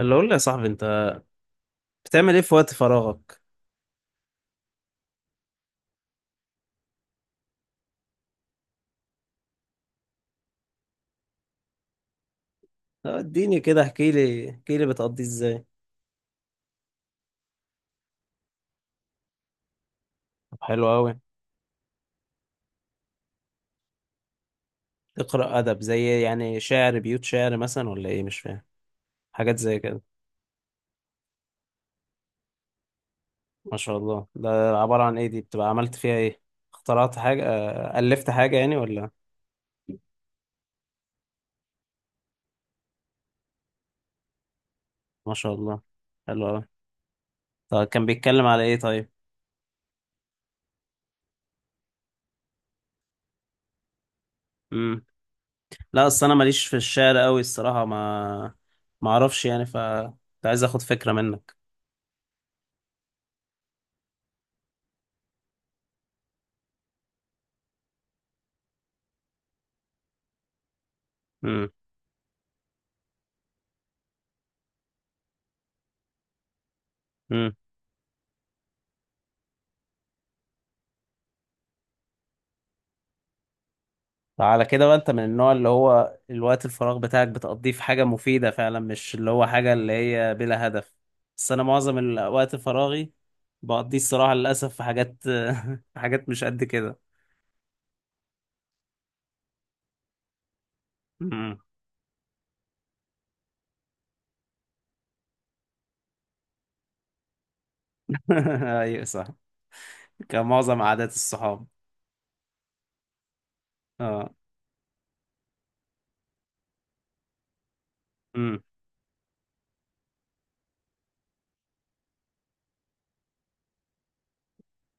اللي اقول لي يا صاحبي، انت بتعمل ايه في وقت فراغك؟ اديني كده، احكي لي بتقضيه ازاي؟ طب حلو قوي. تقرا ادب، زي يعني شعر، بيوت شعر مثلا، ولا ايه؟ مش فاهم حاجات زي كده. ما شاء الله! ده عبارة عن ايه؟ دي بتبقى عملت فيها ايه؟ اخترعت حاجة؟ الفت حاجة يعني، ولا؟ ما شاء الله. حلو قوي. طب كان بيتكلم على ايه؟ طيب. امم. لا، اصل انا ماليش في الشعر قوي الصراحة، ما اعرفش يعني، ف... كنت عايز اخد فكرة منك. امم. على كده بقى انت من النوع اللي هو الوقت الفراغ بتاعك بتقضيه في حاجة مفيدة فعلا، مش اللي هو حاجة اللي هي بلا هدف. بس انا معظم الوقت فراغي بقضيه الصراحة للأسف في حاجات في حاجات مش قد كده. امم. ايوه صح. كمعظم عادات الصحاب. اه. امم.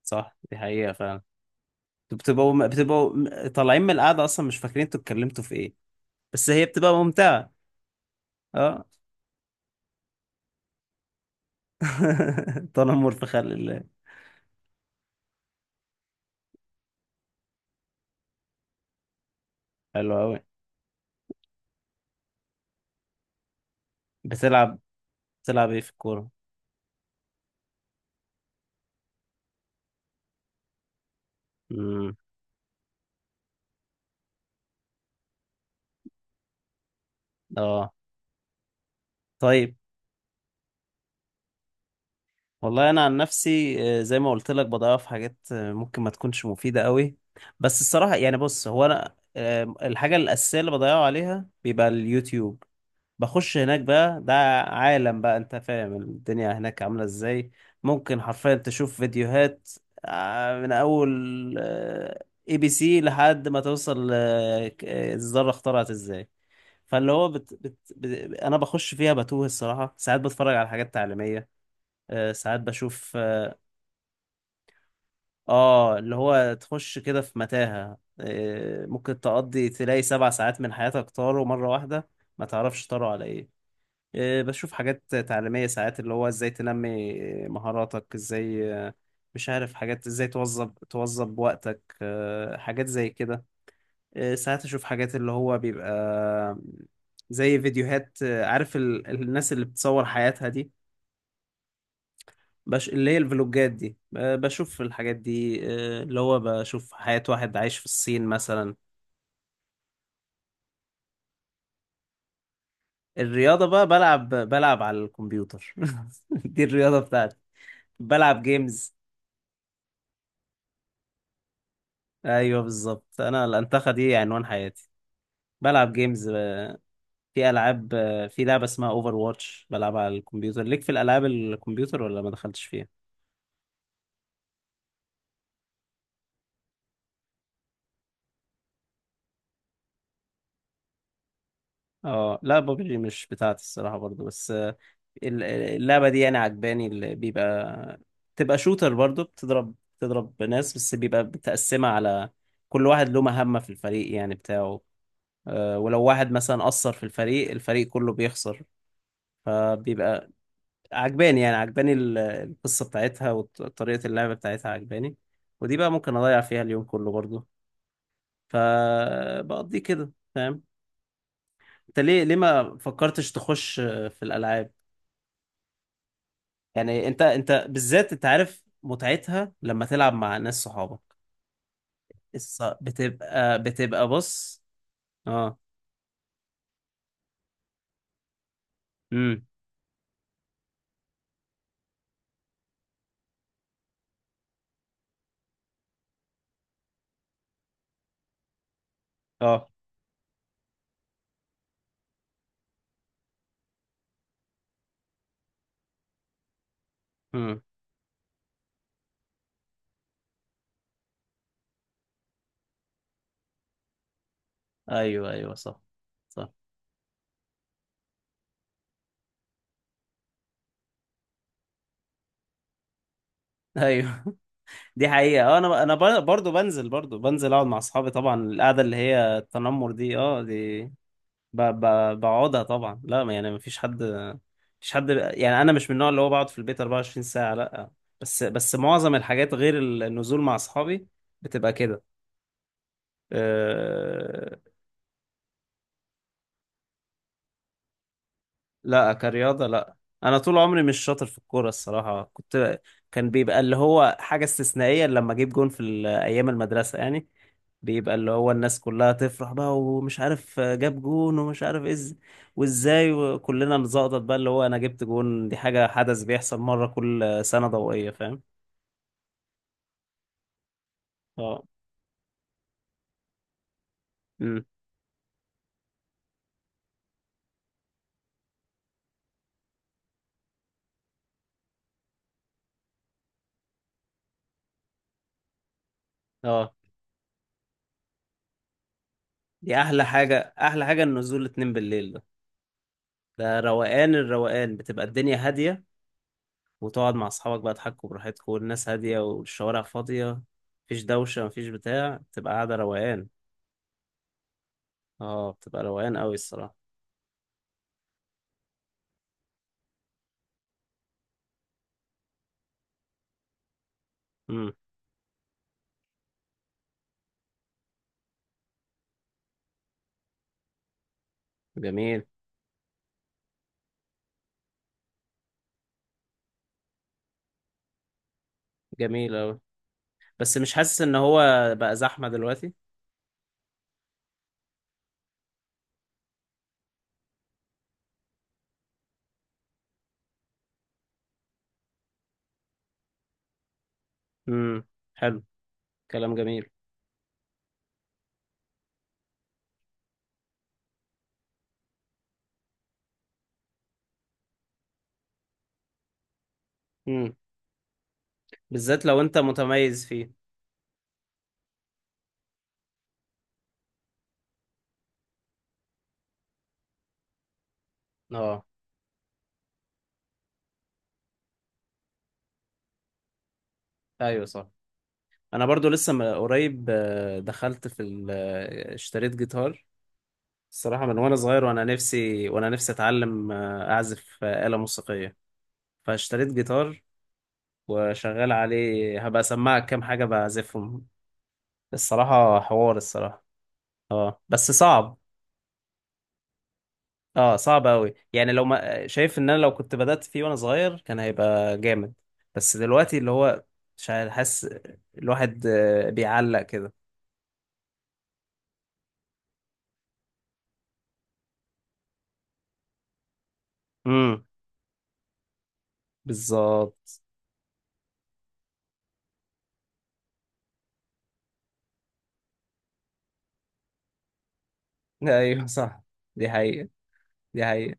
صح، دي حقيقة فعلا. انتوا بتبقوا طالعين من القعدة اصلا، مش فاكرين انتوا اتكلمتوا في ايه. بس هي بتبقى ممتعة. اه. تنمر في خلق الله. حلو قوي. بتلعب بتلعب ايه في الكورة؟ امم. اه. طيب. والله انا عن نفسي، زي ما قلت لك بضيع في حاجات ممكن ما تكونش مفيده قوي. بس الصراحه يعني، بص، هو انا الحاجه الاساسيه اللي بضيعه عليها بيبقى اليوتيوب. بخش هناك بقى، ده عالم بقى، انت فاهم الدنيا هناك عامله ازاي. ممكن حرفيا تشوف فيديوهات من اول اي بي سي لحد ما توصل الذره اخترعت ازاي. فاللي هو انا بخش فيها بتوه الصراحه، ساعات بتفرج على حاجات تعليميه. ساعات بشوف اللي هو تخش كده في متاهه، ممكن تقضي، تلاقي 7 ساعات من حياتك طاروا مره واحده. ما تعرفش طاروا على ايه. بشوف حاجات تعليميه، ساعات اللي هو ازاي تنمي مهاراتك، ازاي مش عارف، حاجات ازاي توظب وقتك، حاجات زي كده. ساعات اشوف حاجات اللي هو بيبقى زي فيديوهات، عارف الناس اللي بتصور حياتها دي. اللي هي الفلوجات دي، بشوف الحاجات دي. اللي هو بشوف حياة واحد عايش في الصين مثلا. الرياضة بقى بلعب على الكمبيوتر دي الرياضة بتاعتي. بلعب جيمز. ايوه بالظبط، انا الانتخة دي عنوان حياتي. بلعب جيمز، في العاب، في لعبة اسمها اوفر واتش بلعبها على الكمبيوتر، ليك في الالعاب الكمبيوتر ولا ما دخلتش فيها؟ اه، لا، بابجي مش بتاعتي الصراحة برضو، بس اللعبة دي يعني عجباني، اللي بيبقى تبقى شوتر برضو، بتضرب ناس، بس بيبقى متقسمة على كل واحد له مهمة في الفريق يعني بتاعه. ولو واحد مثلا قصر في الفريق، الفريق كله بيخسر. فبيبقى عجباني، يعني عجباني القصة بتاعتها وطريقة اللعبة بتاعتها عجباني. ودي بقى ممكن أضيع فيها اليوم كله برضو. فبقضي كده، فاهم. انت ليه ما فكرتش تخش في الألعاب؟ يعني انت بالذات انت عارف متعتها لما تلعب مع ناس صحابك. بتبقى بص. اه. امم. اه. امم. ايوه، ايوه، صح، صح، ايوه. دي حقيقة. اه انا برضو بنزل اقعد مع اصحابي، طبعا القعدة اللي هي التنمر دي، اه، دي بقعدها طبعا، لا يعني مفيش حد. مفيش حد، يعني انا مش من النوع اللي هو بقعد في البيت 24 ساعة، لا. بس معظم الحاجات غير النزول مع اصحابي بتبقى كده. أه. لا، كرياضة لا. أنا طول عمري مش شاطر في الكورة الصراحة، كنت كان بيبقى اللي هو حاجة استثنائية لما أجيب جون في أيام المدرسة يعني. بيبقى اللي هو الناس كلها تفرح بقى، ومش عارف جاب جون ومش عارف وإزاي، وكلنا نزقطط بقى اللي هو أنا جبت جون، دي حاجة، حدث بيحصل مرة كل سنة ضوئية، فاهم. اه. امم. اه. دي أحلى حاجة، أحلى حاجة النزول اتنين بالليل ده. ده روقان، الروقان بتبقى الدنيا هادية، وتقعد مع أصحابك بقى تحكوا براحتكوا، والناس هادية والشوارع فاضية، مفيش دوشة مفيش بتاع، بتبقى قاعدة روقان. اه، بتبقى روقان أوي الصراحة. امم. جميل. جميل أوي. بس مش حاسس إن هو بقى زحمة دلوقتي؟ امم. حلو. كلام جميل. امم. بالذات لو أنت متميز فيه. اه. أيوة صح. أنا برضو لسه قريب دخلت في اشتريت جيتار. الصراحة من وأنا صغير وأنا نفسي، أتعلم أعزف آلة موسيقية. فاشتريت جيتار وشغال عليه، هبقى اسمعك كام حاجة بعزفهم. الصراحة حوار، الصراحة. اه بس صعب. اه، صعب قوي يعني، لو ما شايف ان انا لو كنت بدأت فيه وانا صغير كان هيبقى جامد. بس دلوقتي اللي هو مش عارف، حاسس الواحد بيعلق كده. امم. بالظبط. ايوه صح. دي حقيقة. دي حقيقة.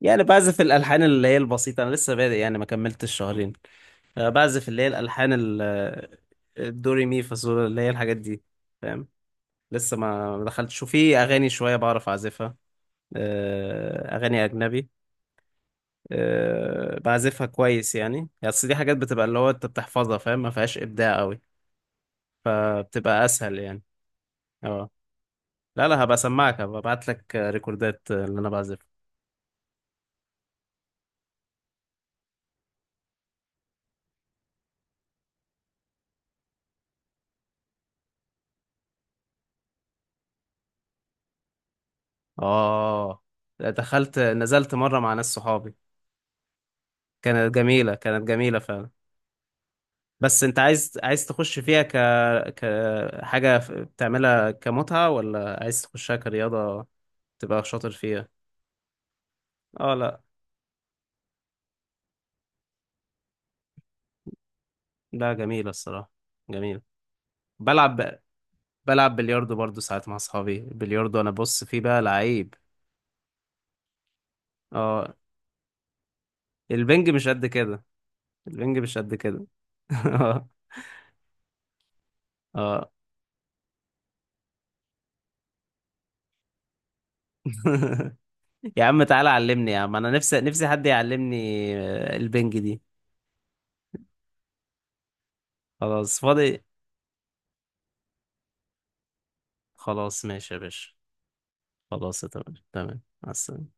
يعني بعزف الالحان اللي هي البسيطة، انا لسه بادئ يعني، ما كملتش شهرين. بعزف اللي هي الالحان الدوري مي فاصول، اللي هي الحاجات دي، فاهم. لسه ما دخلتش، وفي اغاني شويه بعرف اعزفها. اغاني اجنبي، بعزفها كويس يعني اصل دي حاجات بتبقى اللي هو انت بتحفظها، فاهم، ما فيهاش ابداع قوي فبتبقى اسهل يعني. اه. لا، لا، هبقى اسمعك، هبقى ابعت لك ريكوردات اللي انا بعزفها. اه، دخلت نزلت مره مع ناس صحابي، كانت جميله، كانت جميله فعلا. بس انت عايز تخش فيها كحاجه بتعملها كمتعه، ولا عايز تخشها كرياضه تبقى شاطر فيها؟ اه، لا، لا، جميلة الصراحة، جميلة. بلعب ب... بلعب بلياردو برضو ساعات مع اصحابي، البلياردو انا بص فيه بقى لعيب. اه. البنج مش قد كده. البنج مش قد كده اه. اه. يا عم تعالى علمني، يا عم انا نفسي، حد يعلمني البنج دي. خلاص فاضي. خلاص ماشي يا باشا. خلاص تمام تمام، مع السلامة.